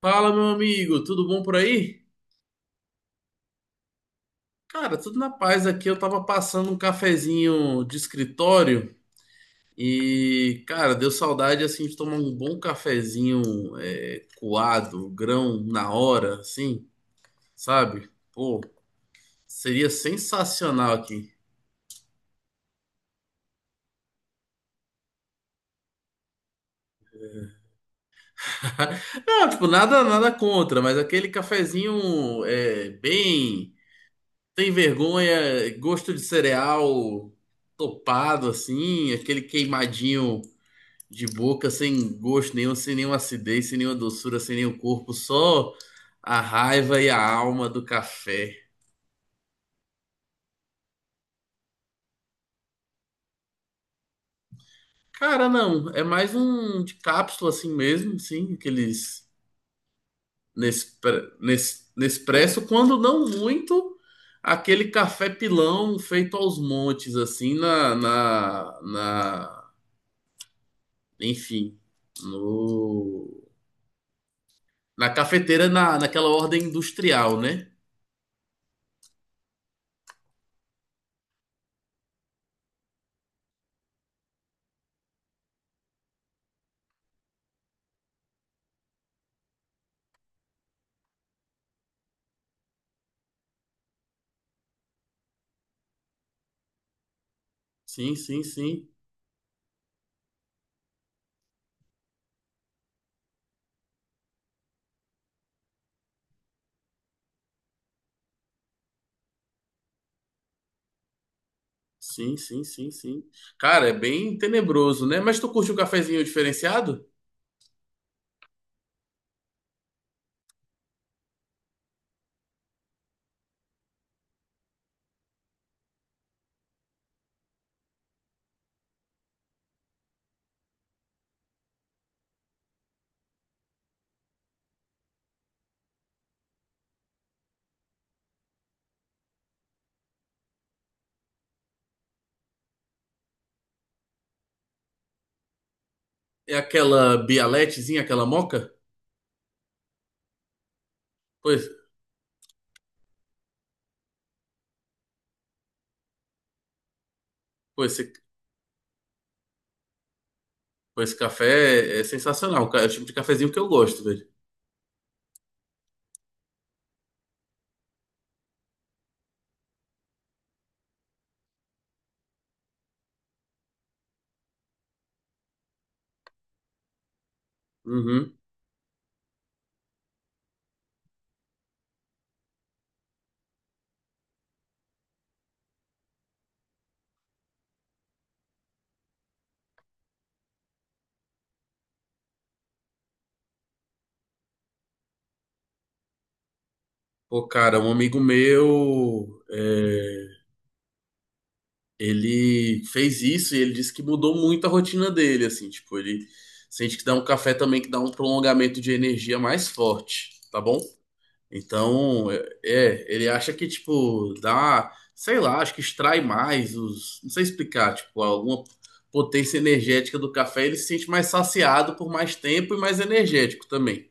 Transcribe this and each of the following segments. Fala, meu amigo, tudo bom por aí? Cara, tudo na paz aqui. Eu tava passando um cafezinho de escritório e, cara, deu saudade assim de tomar um bom cafezinho é, coado, grão na hora, assim, sabe? Pô, seria sensacional aqui. Não, tipo, nada, nada contra, mas aquele cafezinho é bem tem vergonha, gosto de cereal topado assim, aquele queimadinho. De boca, sem gosto nenhum, sem nenhuma acidez, sem nenhuma doçura, sem nenhum corpo, só a raiva e a alma do café. Cara, não, é mais um de cápsula assim mesmo, sim, aqueles Nespresso, quando não muito, aquele café pilão feito aos montes, assim, enfim, no, na cafeteira, naquela ordem industrial, né? Sim, sim, sim. Sim, sim, sim, sim. Cara, é bem tenebroso, né? Mas tu curte um cafezinho diferenciado? É aquela bialetezinha, aquela moca? Pois, pois, esse, pois, esse café é sensacional. É o tipo de cafezinho que eu gosto, velho. Uhum. Pô, cara, um amigo meu, é, ele fez isso e ele disse que mudou muito a rotina dele, assim, tipo, ele sente que dá um café também que dá um prolongamento de energia mais forte, tá bom? Então, é, ele acha que, tipo, dá, sei lá, acho que extrai mais os, não sei explicar, tipo, alguma potência energética do café, ele se sente mais saciado por mais tempo e mais energético também.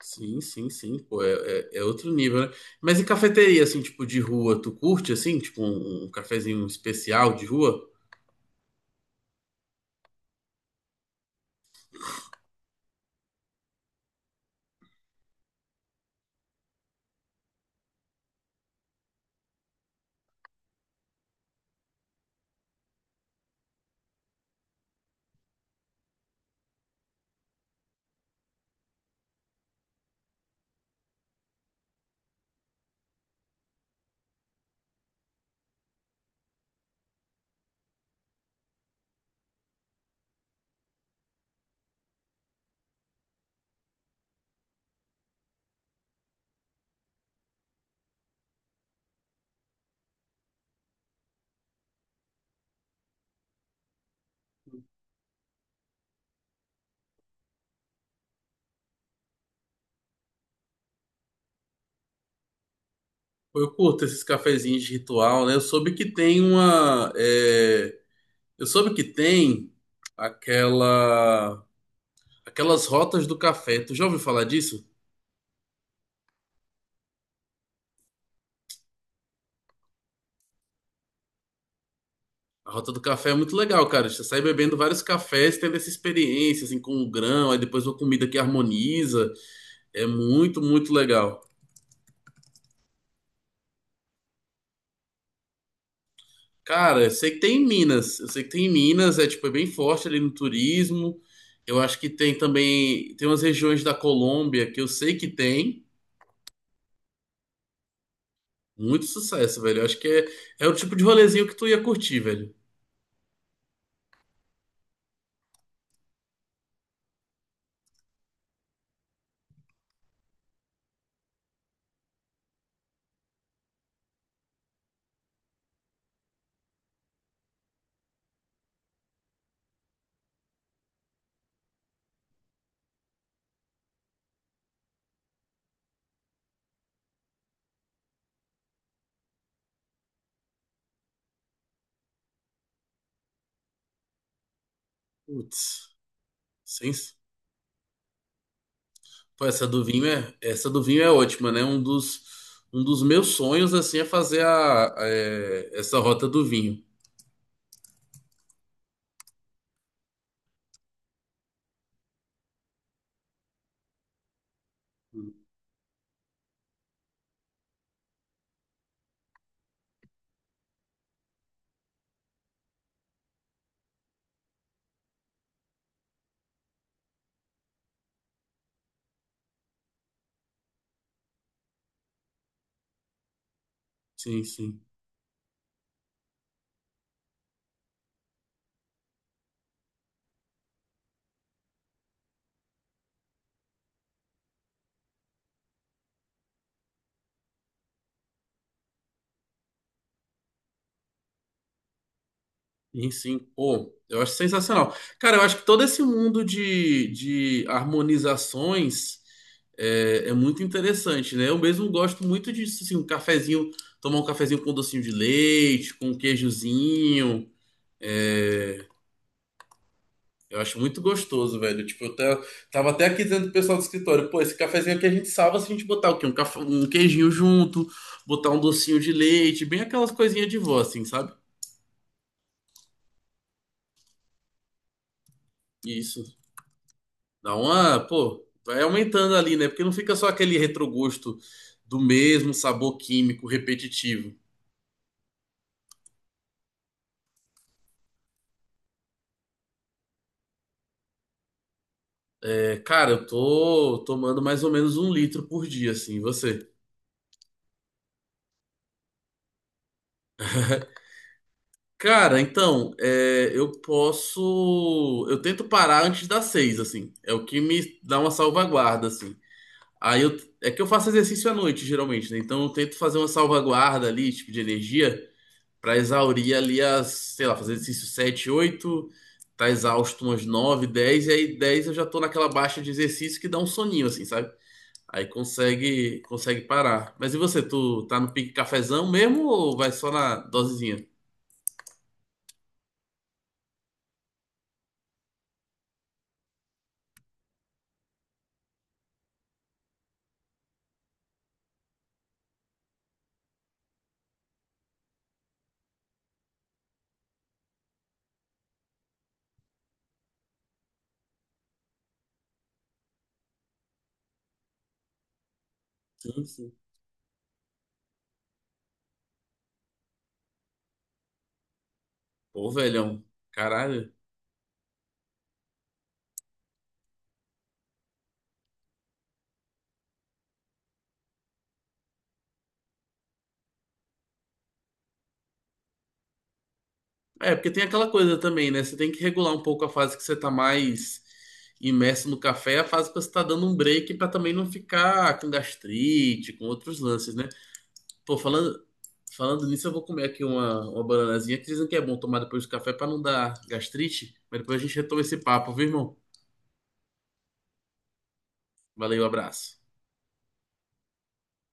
Sim, sim, sim, pô, é outro nível, né? Mas e cafeteria, assim, tipo, de rua, tu curte, assim, tipo, um cafezinho especial de rua? Pô, eu curto esses cafezinhos de ritual, né? Eu soube que tem aquela Aquelas rotas do café. Tu já ouviu falar disso? A rota do café é muito legal, cara. Você sai bebendo vários cafés, tendo essa experiência, assim, com o grão, aí depois uma comida que harmoniza. É muito, muito legal. Cara, eu sei que tem em Minas. Eu sei que tem em Minas, é tipo, é bem forte ali no turismo. Eu acho que tem também, tem umas regiões da Colômbia que eu sei que tem. Muito sucesso, velho. Eu acho que é o tipo de rolezinho que tu ia curtir, velho. Putz, sem, pô, essa do vinho é ótima, né? Um dos meus sonhos, assim, é fazer essa rota do vinho. Sim, sim. Sim, sim. Pô, eu acho sensacional. Cara, eu acho que todo esse mundo de harmonizações é muito interessante, né? Eu mesmo gosto muito disso, assim, um cafezinho, tomar um cafezinho com docinho de leite, com um queijozinho. Eu acho muito gostoso, velho. Tipo, tava até aqui dizendo pro pessoal do escritório, pô, esse cafezinho aqui a gente salva se a gente botar o quê? Um, café, um queijinho junto, botar um docinho de leite, bem aquelas coisinhas de vó, assim, sabe? Isso. Dá uma, pô, vai aumentando ali, né? Porque não fica só aquele retrogosto do mesmo sabor químico repetitivo. É, cara, eu tô tomando mais ou menos um litro por dia, assim, e você? Cara, então, é, eu posso. Eu tento parar antes das 6, assim. É o que me dá uma salvaguarda, assim. Aí eu. É que eu faço exercício à noite, geralmente, né? Então eu tento fazer uma salvaguarda ali, tipo, de energia, pra exaurir ali as. Sei lá, fazer exercício 7, 8, tá exausto umas 9, 10, e aí 10 eu já tô naquela baixa de exercício que dá um soninho, assim, sabe? Aí consegue parar. Mas e você, tu tá no pique cafezão mesmo ou vai só na dosezinha? Sim, sim. Pô, velhão, caralho. É, porque tem aquela coisa também, né? Você tem que regular um pouco a fase que você tá mais imerso no café, e a fase que você tá dando um break pra também não ficar com gastrite, com outros lances, né? Pô, falando nisso, eu vou comer aqui uma bananazinha que dizem que é bom tomar depois do café pra não dar gastrite, mas depois a gente retoma esse papo, viu, irmão? Valeu, abraço.